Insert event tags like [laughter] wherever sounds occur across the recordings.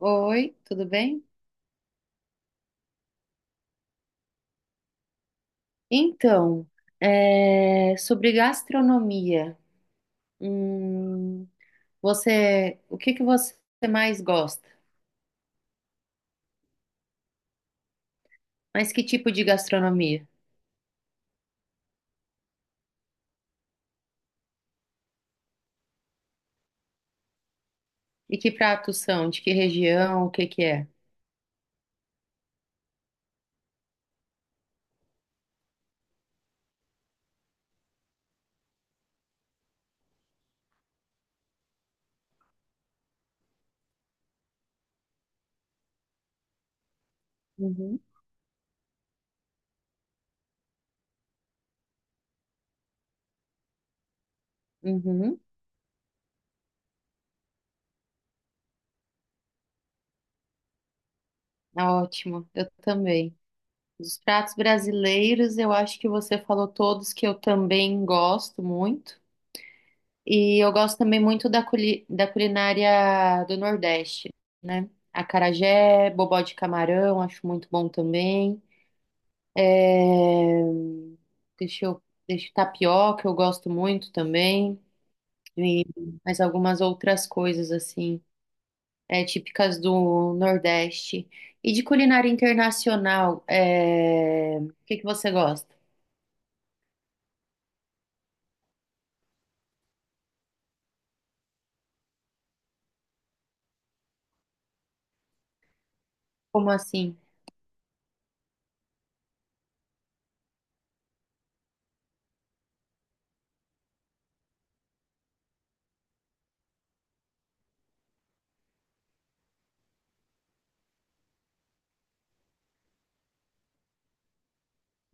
Oi, tudo bem? Então, sobre gastronomia, hum, você, o que que você mais gosta? Mas que tipo de gastronomia? E que pratos são? De que região? O que que é? Uhum, uhum, ah, ótimo, eu também. Dos pratos brasileiros, eu acho que você falou todos que eu também gosto muito. E eu gosto também muito da da culinária do Nordeste, né? Acarajé, bobó de camarão, acho muito bom também. É, Deixa eu... Deixa tapioca, eu gosto muito também. E mais algumas outras coisas, assim, típicas do Nordeste. E de culinária internacional, o que que você gosta? Como assim?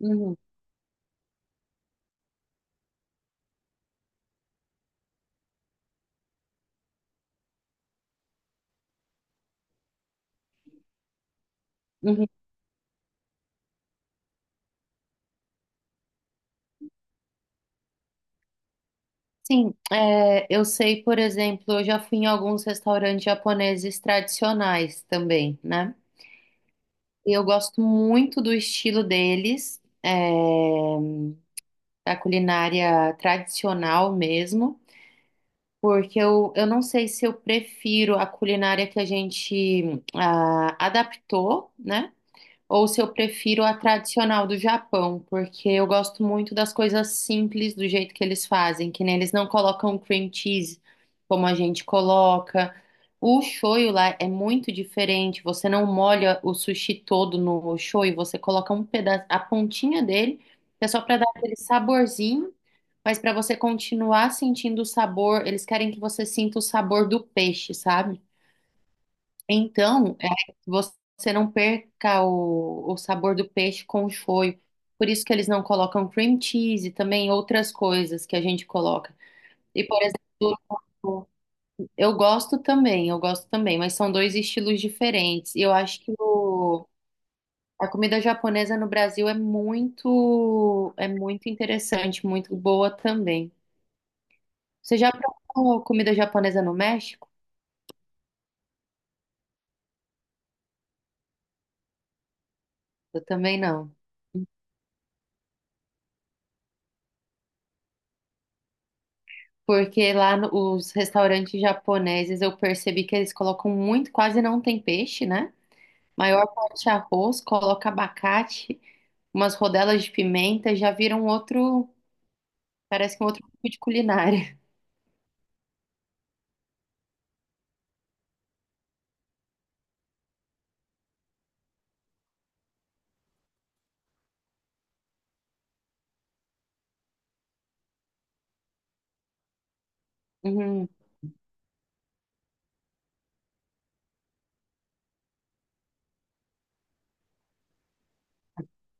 Uhum, uhum. Sim, eu sei, por exemplo, eu já fui em alguns restaurantes japoneses tradicionais também, né? E eu gosto muito do estilo deles, da culinária tradicional mesmo, porque eu não sei se eu prefiro a culinária que a gente adaptou, né? ou se eu prefiro a tradicional do Japão, porque eu gosto muito das coisas simples do jeito que eles fazem, que nem eles não colocam cream cheese como a gente coloca. O shoyu lá é muito diferente, você não molha o sushi todo no shoyu, você coloca um pedaço, a pontinha dele, que é só para dar aquele saborzinho, mas para você continuar sentindo o sabor, eles querem que você sinta o sabor do peixe, sabe? Então, você não perca o sabor do peixe com o shoyu. Por isso que eles não colocam cream cheese e também outras coisas que a gente coloca. E, por exemplo, eu gosto também, mas são dois estilos diferentes. E eu acho que a comida japonesa no Brasil é muito interessante, muito boa também. Você já provou comida japonesa no México? Eu também não. Porque lá os restaurantes japoneses eu percebi que eles colocam muito, quase não tem peixe, né? Maior parte é arroz, coloca abacate, umas rodelas de pimenta, já viram outro, parece que um outro tipo de culinária. [laughs] Uhum.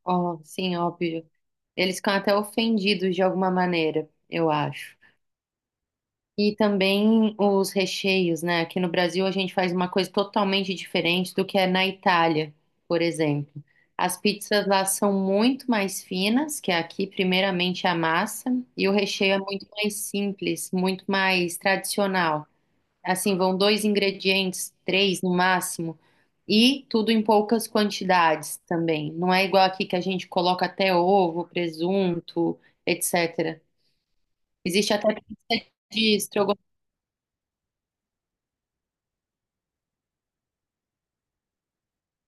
Ó, sim, óbvio. Eles ficam até ofendidos de alguma maneira, eu acho. E também os recheios, né? Aqui no Brasil a gente faz uma coisa totalmente diferente do que é na Itália, por exemplo. As pizzas lá são muito mais finas que aqui, primeiramente é a massa, e o recheio é muito mais simples, muito mais tradicional. Assim, vão dois ingredientes, três no máximo, e tudo em poucas quantidades também. Não é igual aqui que a gente coloca até ovo, presunto, etc. Existe até pizza de estrogonofe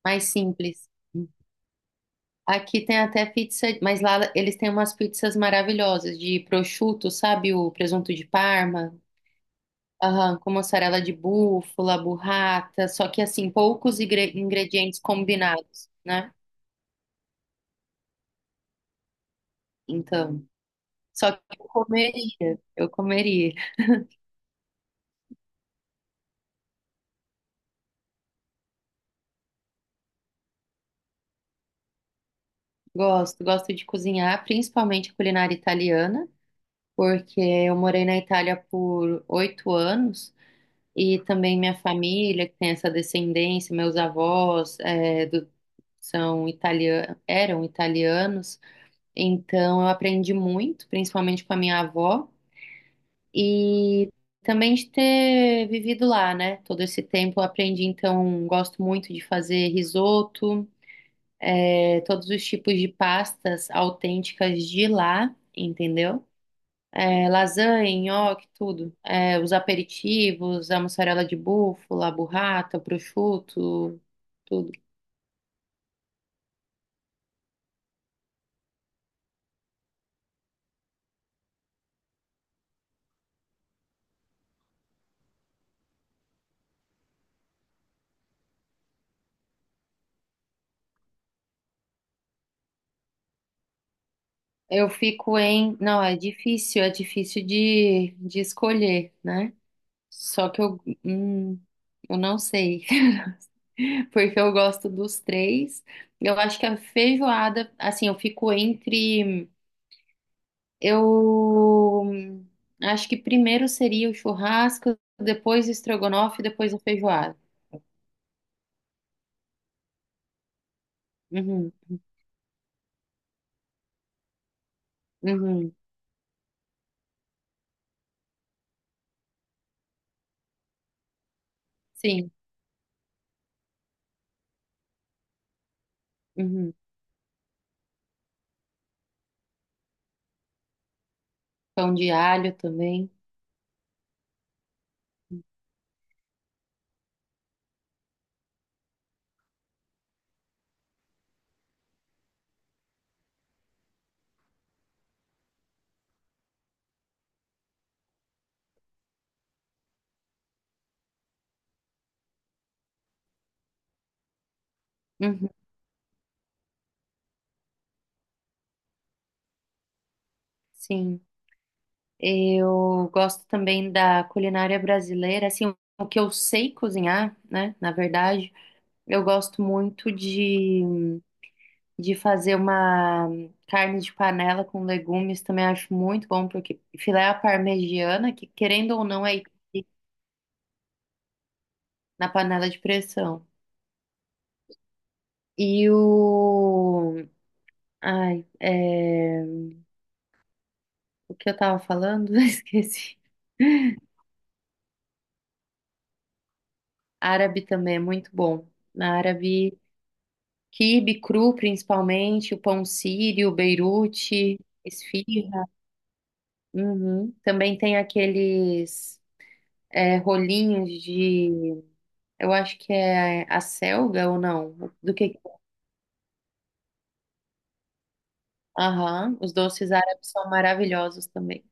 mais simples. Aqui tem até pizza, mas lá eles têm umas pizzas maravilhosas de prosciutto, sabe? O presunto de Parma, aham, com mussarela de búfala, burrata, só que assim, poucos ingredientes combinados, né? Então, só que eu comeria, eu comeria. Gosto, gosto de cozinhar, principalmente a culinária italiana, porque eu morei na Itália por 8 anos. E também minha família, que tem essa descendência, meus avós, são italianos, eram italianos, então eu aprendi muito, principalmente com a minha avó, e também de ter vivido lá, né? Todo esse tempo eu aprendi, então gosto muito de fazer risoto, todos os tipos de pastas autênticas de lá, entendeu? Lasanha, nhoque, tudo. Os aperitivos, a mussarela de búfala, a burrata, o prosciutto, tudo. Eu fico em. Não, é difícil de escolher, né? Só que eu. hum, eu não sei, [laughs] porque eu gosto dos três. Eu acho que a feijoada, assim, eu fico entre. Eu acho que primeiro seria o churrasco, depois o estrogonofe, depois a feijoada. Uhum, uhum, sim, uhum. Pão de alho também. Uhum, sim, eu gosto também da culinária brasileira, assim, o que eu sei cozinhar, né, na verdade, eu gosto muito de fazer uma carne de panela com legumes, também acho muito bom, porque filé à parmegiana, que querendo ou não é na panela de pressão, e o Ai, o que eu tava falando? [laughs] Esqueci. Árabe também é muito bom. Na árabe, quibe cru, principalmente, o pão sírio, beirute, esfirra. Uhum. Também tem aqueles rolinhos de, eu acho que é a selga ou não? Do que? Aham, os doces árabes são maravilhosos também.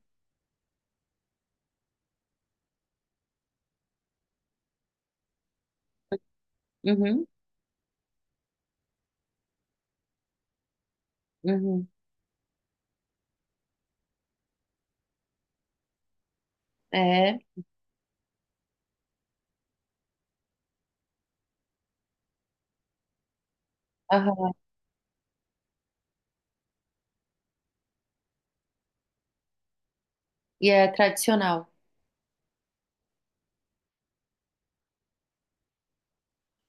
Uhum, uhum. É, aham. E é tradicional.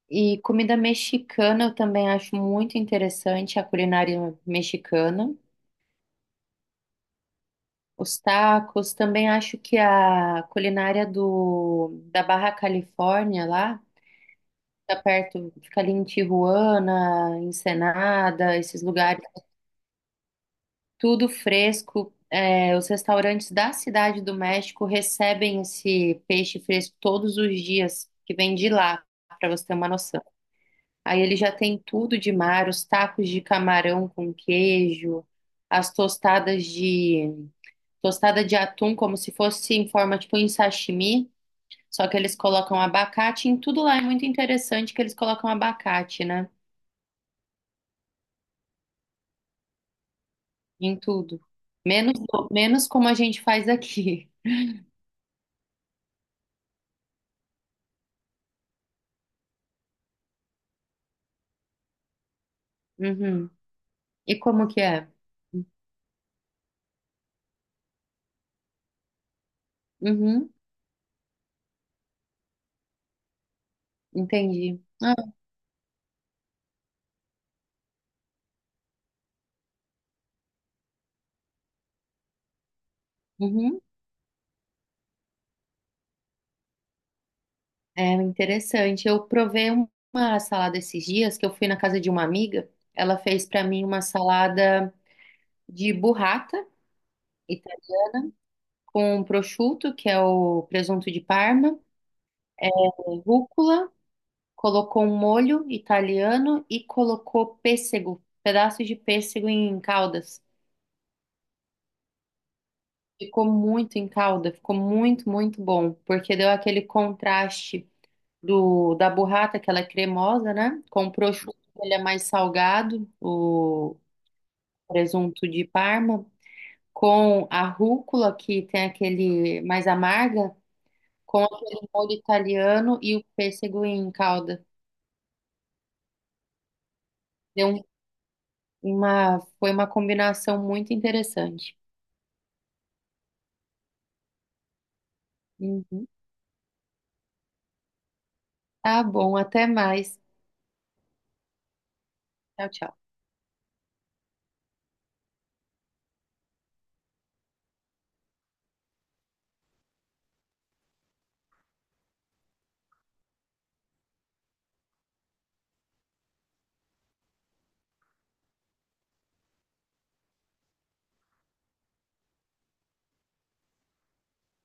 E comida mexicana eu também acho muito interessante, a culinária mexicana. Os tacos, também acho que a culinária da Barra Califórnia lá, tá perto, fica ali em Tijuana, Ensenada, esses lugares, tudo fresco. Os restaurantes da Cidade do México recebem esse peixe fresco todos os dias, que vem de lá, para você ter uma noção. Aí ele já tem tudo de mar, os tacos de camarão com queijo, as tostadas de tostada de atum como se fosse em forma tipo em sashimi, só que eles colocam abacate em tudo lá. É muito interessante que eles colocam abacate, né? Em tudo. Menos menos como a gente faz aqui. [laughs] Uhum. E como que é? Uhum. Entendi. Ah, uhum. É interessante. Eu provei uma salada esses dias que eu fui na casa de uma amiga. Ela fez pra mim uma salada de burrata ita- com um prosciutto, que é o presunto de Parma, rúcula, colocou um molho italiano e colocou pêssego, pedaços de pêssego em caldas. Ficou muito em calda, ficou muito, muito bom, porque deu aquele contraste do da burrata, que ela é cremosa, né? Com o prosciutto, ele é mais salgado, o presunto de Parma, com a rúcula, que tem aquele mais amarga, com aquele molho italiano e o pêssego em calda. Deu um- foi uma combinação muito interessante. Uhum. Tá bom, até mais. Tchau, tchau.